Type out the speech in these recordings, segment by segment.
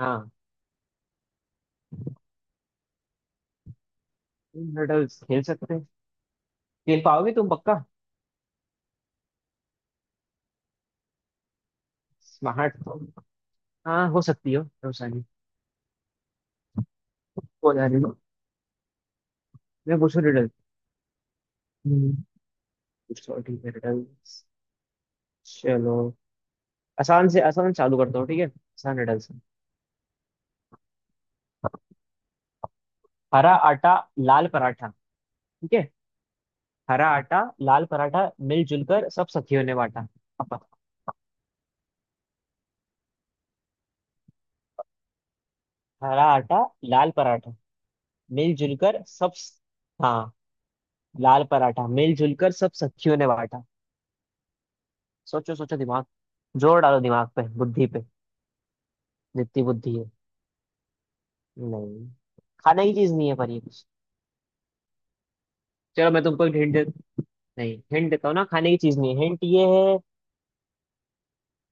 हाँ। तुम हर्डल्स खेल सकते हैं। खेल पाओगे तुम? पक्का स्मार्ट। हाँ हो सकती हो रोसानी। हो जा रही हो। मैं पूछूं रिडल? हम्म, पूछो? ठीक है रिडल्स। चलो आसान से आसान चालू करता हूँ। ठीक है, आसान रिडल्स। हरा आटा, लाल पराठा। ठीक है। हरा आटा, लाल पराठा, मिलजुल कर सब सखियों ने बांटा। अब हरा आटा लाल पराठा मिलजुल कर सब। हाँ। लाल पराठा मिलजुल कर सब सखियों ने बांटा। सोचो सोचो दिमाग। जोर डालो दिमाग पे, बुद्धि पे, जितनी बुद्धि है। नहीं, खाने की चीज नहीं है, पर ये। चलो मैं तुमको एक हिंट, नहीं हिंट देता हूँ ना। खाने की चीज नहीं है, हिंट ये है।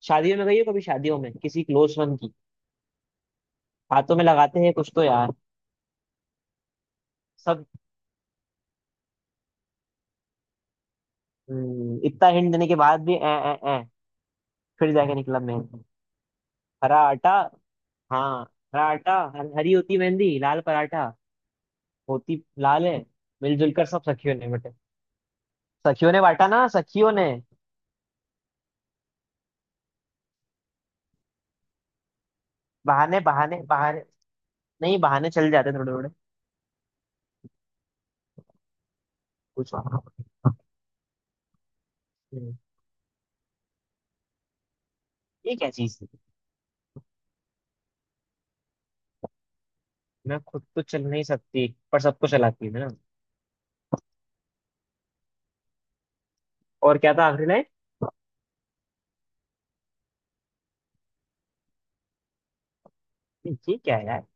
शादियों में गई हो कभी? शादियों में किसी क्लोज वन की हाथों में लगाते हैं कुछ तो यार। सब। इतना हिंट देने के बाद भी ए, ए, ए, फिर जाके निकला मेहंदी। हरा आटा, हाँ, हरा आटा, हरी होती मेहंदी। लाल पराठा होती लाल है। मिलजुल कर सब सखियों ने बटे। सखियों ने बांटा ना, सखियों ने। बहाने बहाने बहाने। नहीं बहाने चल जाते थोड़े थोड़े। कुछ। ये क्या चीज है? ना खुद तो चल नहीं सकती पर सबको चलाती है ना। और क्या था आखिरी लाइन? ये क्या है यार?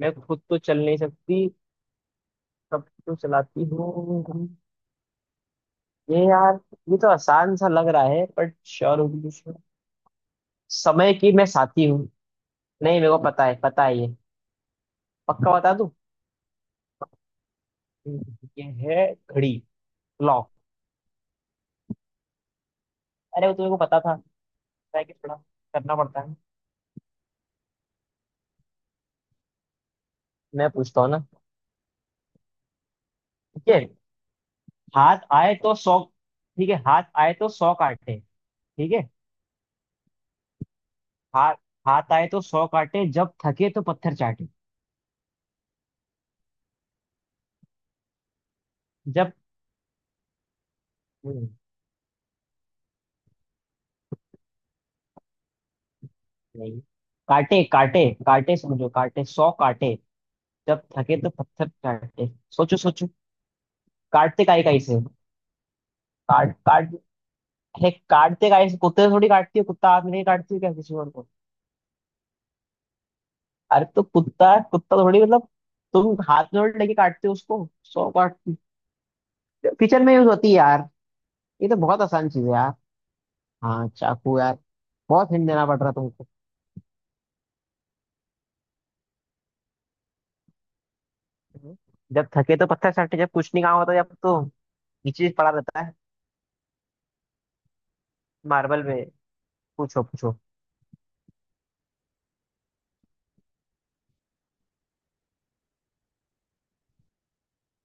मैं खुद तो चल नहीं सकती, सबको चलाती हूँ। ये यार, ये तो आसान सा लग रहा है बट श्योर होगी इसमें। समय की मैं साथी हूँ। नहीं, मेरे को पता है, पता है ये। पक्का बता दूँ? ये है घड़ी, क्लॉक। अरे वो तुम्हें को पता था। पता है कि थोड़ा करना पड़ता है। मैं पूछता हूँ ना। ठीक है। हाथ आए तो सौ। ठीक है। हाथ आए तो सौ काटे। ठीक है। हाथ, हाथ आए तो सौ काटे, जब थके तो पत्थर चाटे। जब हम्म, नहीं। काटे काटे काटे, समझो, काटे सौ काटे। जब थके तो पत्थर चाटे। सोचो सोचो। काटते काई काई से। काट काट। हे, काटते काई से कुत्ते से थोड़ी। काटती है कुत्ता हाथ में? नहीं काटती है क्या किसी और को? अरे तो कुत्ता, कुत्ता थोड़ी मतलब। तुम हाथ में थोड़ी लेके काटते हो उसको? सौ काटती। किचन में यूज होती है यार। ये तो बहुत आसान चीज है यार। हाँ, चाकू यार। बहुत हिंट देना पड़ रहा तुमको। हम्म। जब थके तो पत्थर चाटते, जब कुछ नहीं काम होता जब, तो नीचे पड़ा रहता है मार्बल में। पूछो पूछो।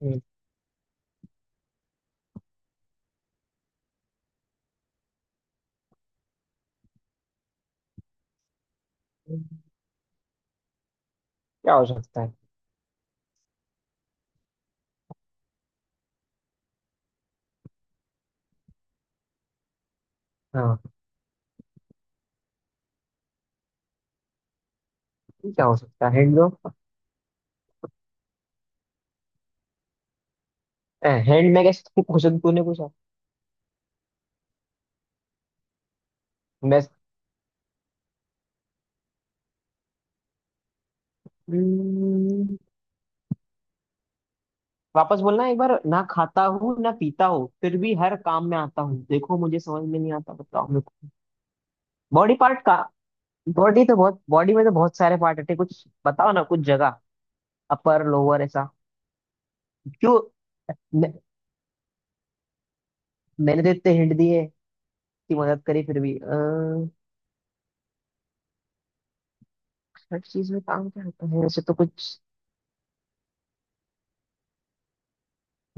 हम्म, क्या हो सकता है? हाँ, क्या हो सकता है? हैंड दो। हैंड में कैसे पूछा? तूने पूछा। मैं, हम्म, वापस बोलना एक बार। ना खाता हूँ ना पीता हूँ फिर भी हर काम में आता हूँ, देखो मुझे समझ में नहीं आता, बताओ मेरे को। बॉडी पार्ट का? बॉडी में तो बहुत सारे पार्ट होते हैं। कुछ बताओ ना कुछ जगह, अपर लोअर ऐसा। क्यों? मैं, मैंने तो इतने हिंट दिए, की मदद करी, फिर भी हर चीज में काम क्या होता है वैसे तो कुछ?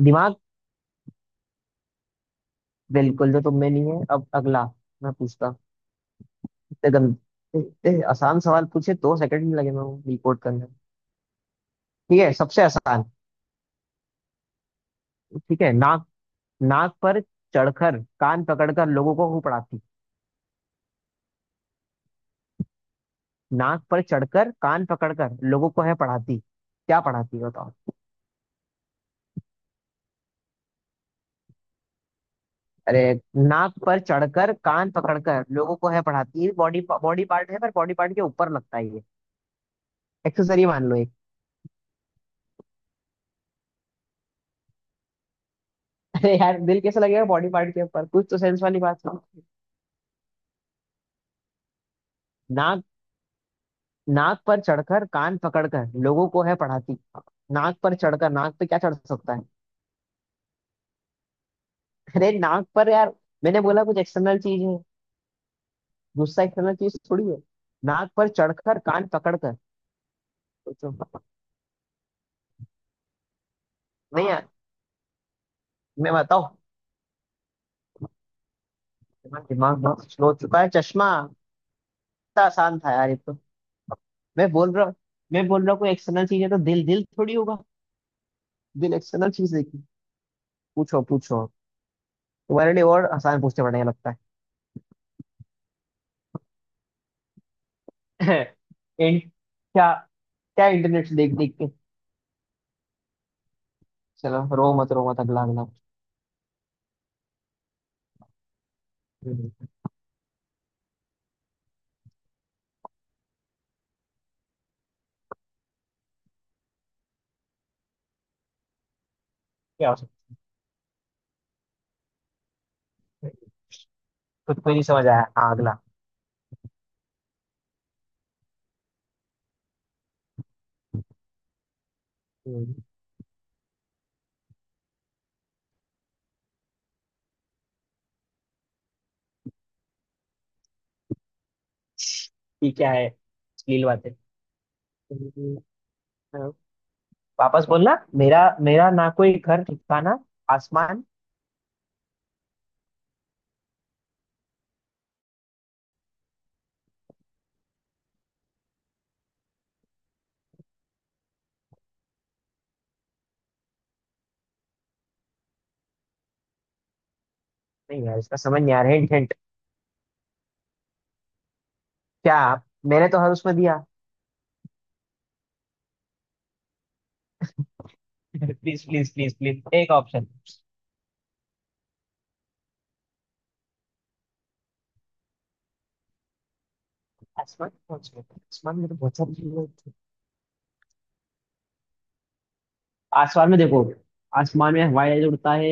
दिमाग। बिल्कुल, जो तुम में नहीं है। अब अगला। मैं पूछता। इतने गंद, इतने आसान सवाल पूछे, दो सेकंड नहीं लगे मैं वो रिपोर्ट करने में। ठीक है, सबसे आसान। ठीक है, नाक। नाक पर चढ़कर कान पकड़कर लोगों को हूँ पढ़ाती। नाक पर चढ़कर कान पकड़कर लोगों को है पढ़ाती। क्या पढ़ाती है बताओ? अरे, नाक पर चढ़कर कान पकड़कर लोगों को है पढ़ाती। बॉडी बॉडी पार्ट है पर बॉडी पार्ट के ऊपर लगता है ये। एक्सेसरी मान लो एक। अरे यार, दिल कैसे लगेगा बॉडी पार्ट के ऊपर? कुछ तो सेंस वाली बात है। नाक, नाक पर चढ़कर कान पकड़कर लोगों को है पढ़ाती। नाक पर चढ़कर, नाक पे क्या चढ़ सकता है? अरे नाक पर यार। मैंने बोला कुछ एक्सटर्नल चीज है। गुस्सा एक्सटर्नल चीज थोड़ी है। नाक पर चढ़कर कान पकड़कर, सोचो। नहीं यार। मैं बताओ। मेरा दिमाग बहुत स्लो हो चुका है। चश्मा। इतना आसान था यार ये तो। मैं बोल रहा हूँ, मैं बोल रहा हूँ कोई एक्सटर्नल चीज है तो दिल, दिल थोड़ी होगा। दिल एक्सटर्नल चीज देखी? पूछो पूछो। तुम्हारे लिए और आसान पूछने पड़ेंगे लगता है। क्या? क्या इंटरनेट से देख देख के? चलो रो मत रो मत, अगला अगला। हम्म, क्या हो सकता है? खुद को ही नहीं समझ आया। हाँ, अगला। हम्म, ये क्या है, अश्लील बातें? हम्म, वापस बोलना। मेरा मेरा ना कोई घर ठिकाना, आसमान। नहीं यार इसका समझ नहीं आ रहा। Hint hint. क्या आप- मैंने तो हर उसमें दिया। प्लीज प्लीज प्लीज प्लीज, एक ऑप्शन। आसमान पहुंच गए? आसमान में तो बहुत सारी चीजें होती हैं। आसमान में देखो। आसमान में हवाई जहाज उड़ता है,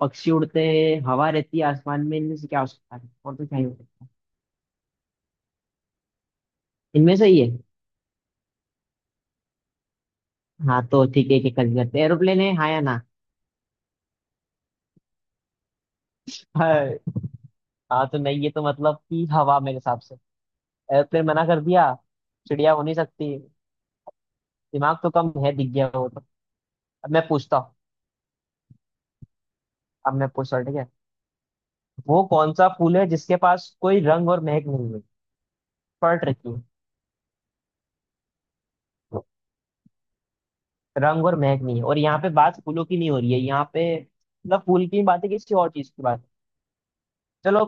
पक्षी उड़ते हैं, हवा रहती है। आसमान में इनमें से क्या हो सकता है? और तो क्या ही हो सकता है? इनमें से ही है। हाँ तो ठीक है, एक एक करके करते हैं। एरोप्लेन है, हाँ या ना? हाँ, हाँ तो नहीं, ये तो मतलब कि हवा मेरे हिसाब से। एरोप्लेन मना कर दिया? चिड़िया हो नहीं सकती। दिमाग तो कम है, दिख गया वो तो। अब मैं पूछता हूँ। अब मैं पूछता हूँ, ठीक है। वो कौन सा फूल है जिसके पास कोई रंग और महक नहीं है? पलट रखी है। रंग और महक नहीं है, और यहाँ पे बात फूलों की नहीं हो रही है, यहाँ पे मतलब फूल की बात है किसी और चीज की बात है। चलो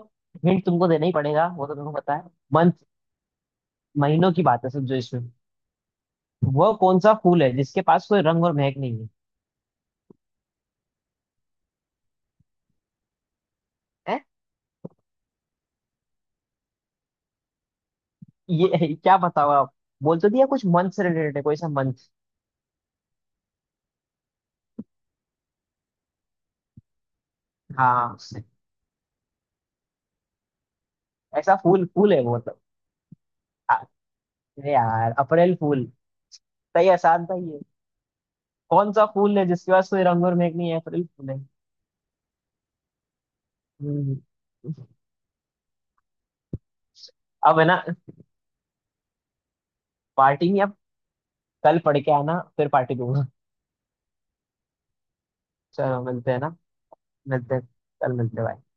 हिंट तुमको देना ही पड़ेगा वो तो। तुमको पता है मंथ, महीनों की बात है सब जो इसमें। वो कौन सा फूल है जिसके पास कोई रंग और महक नहीं है? हैं? ये क्या बताओ आप। बोल तो दिया कुछ मंथ से रिलेटेड है, कोई सा मंथ? हाँ। ऐसा फूल फूल है वो मतलब। आ- अरे यार, अप्रैल फूल। सही, आसान था ये। कौन सा फूल है जिसके पास कोई रंग और महक नहीं है? अप्रैल फूल है। हम्म, अब है ना। पार्टी में या कल पढ़ के आना फिर पार्टी दूंगा। चलो मिलते हैं ना। मिलते हैं। कल मिलते हैं भाई।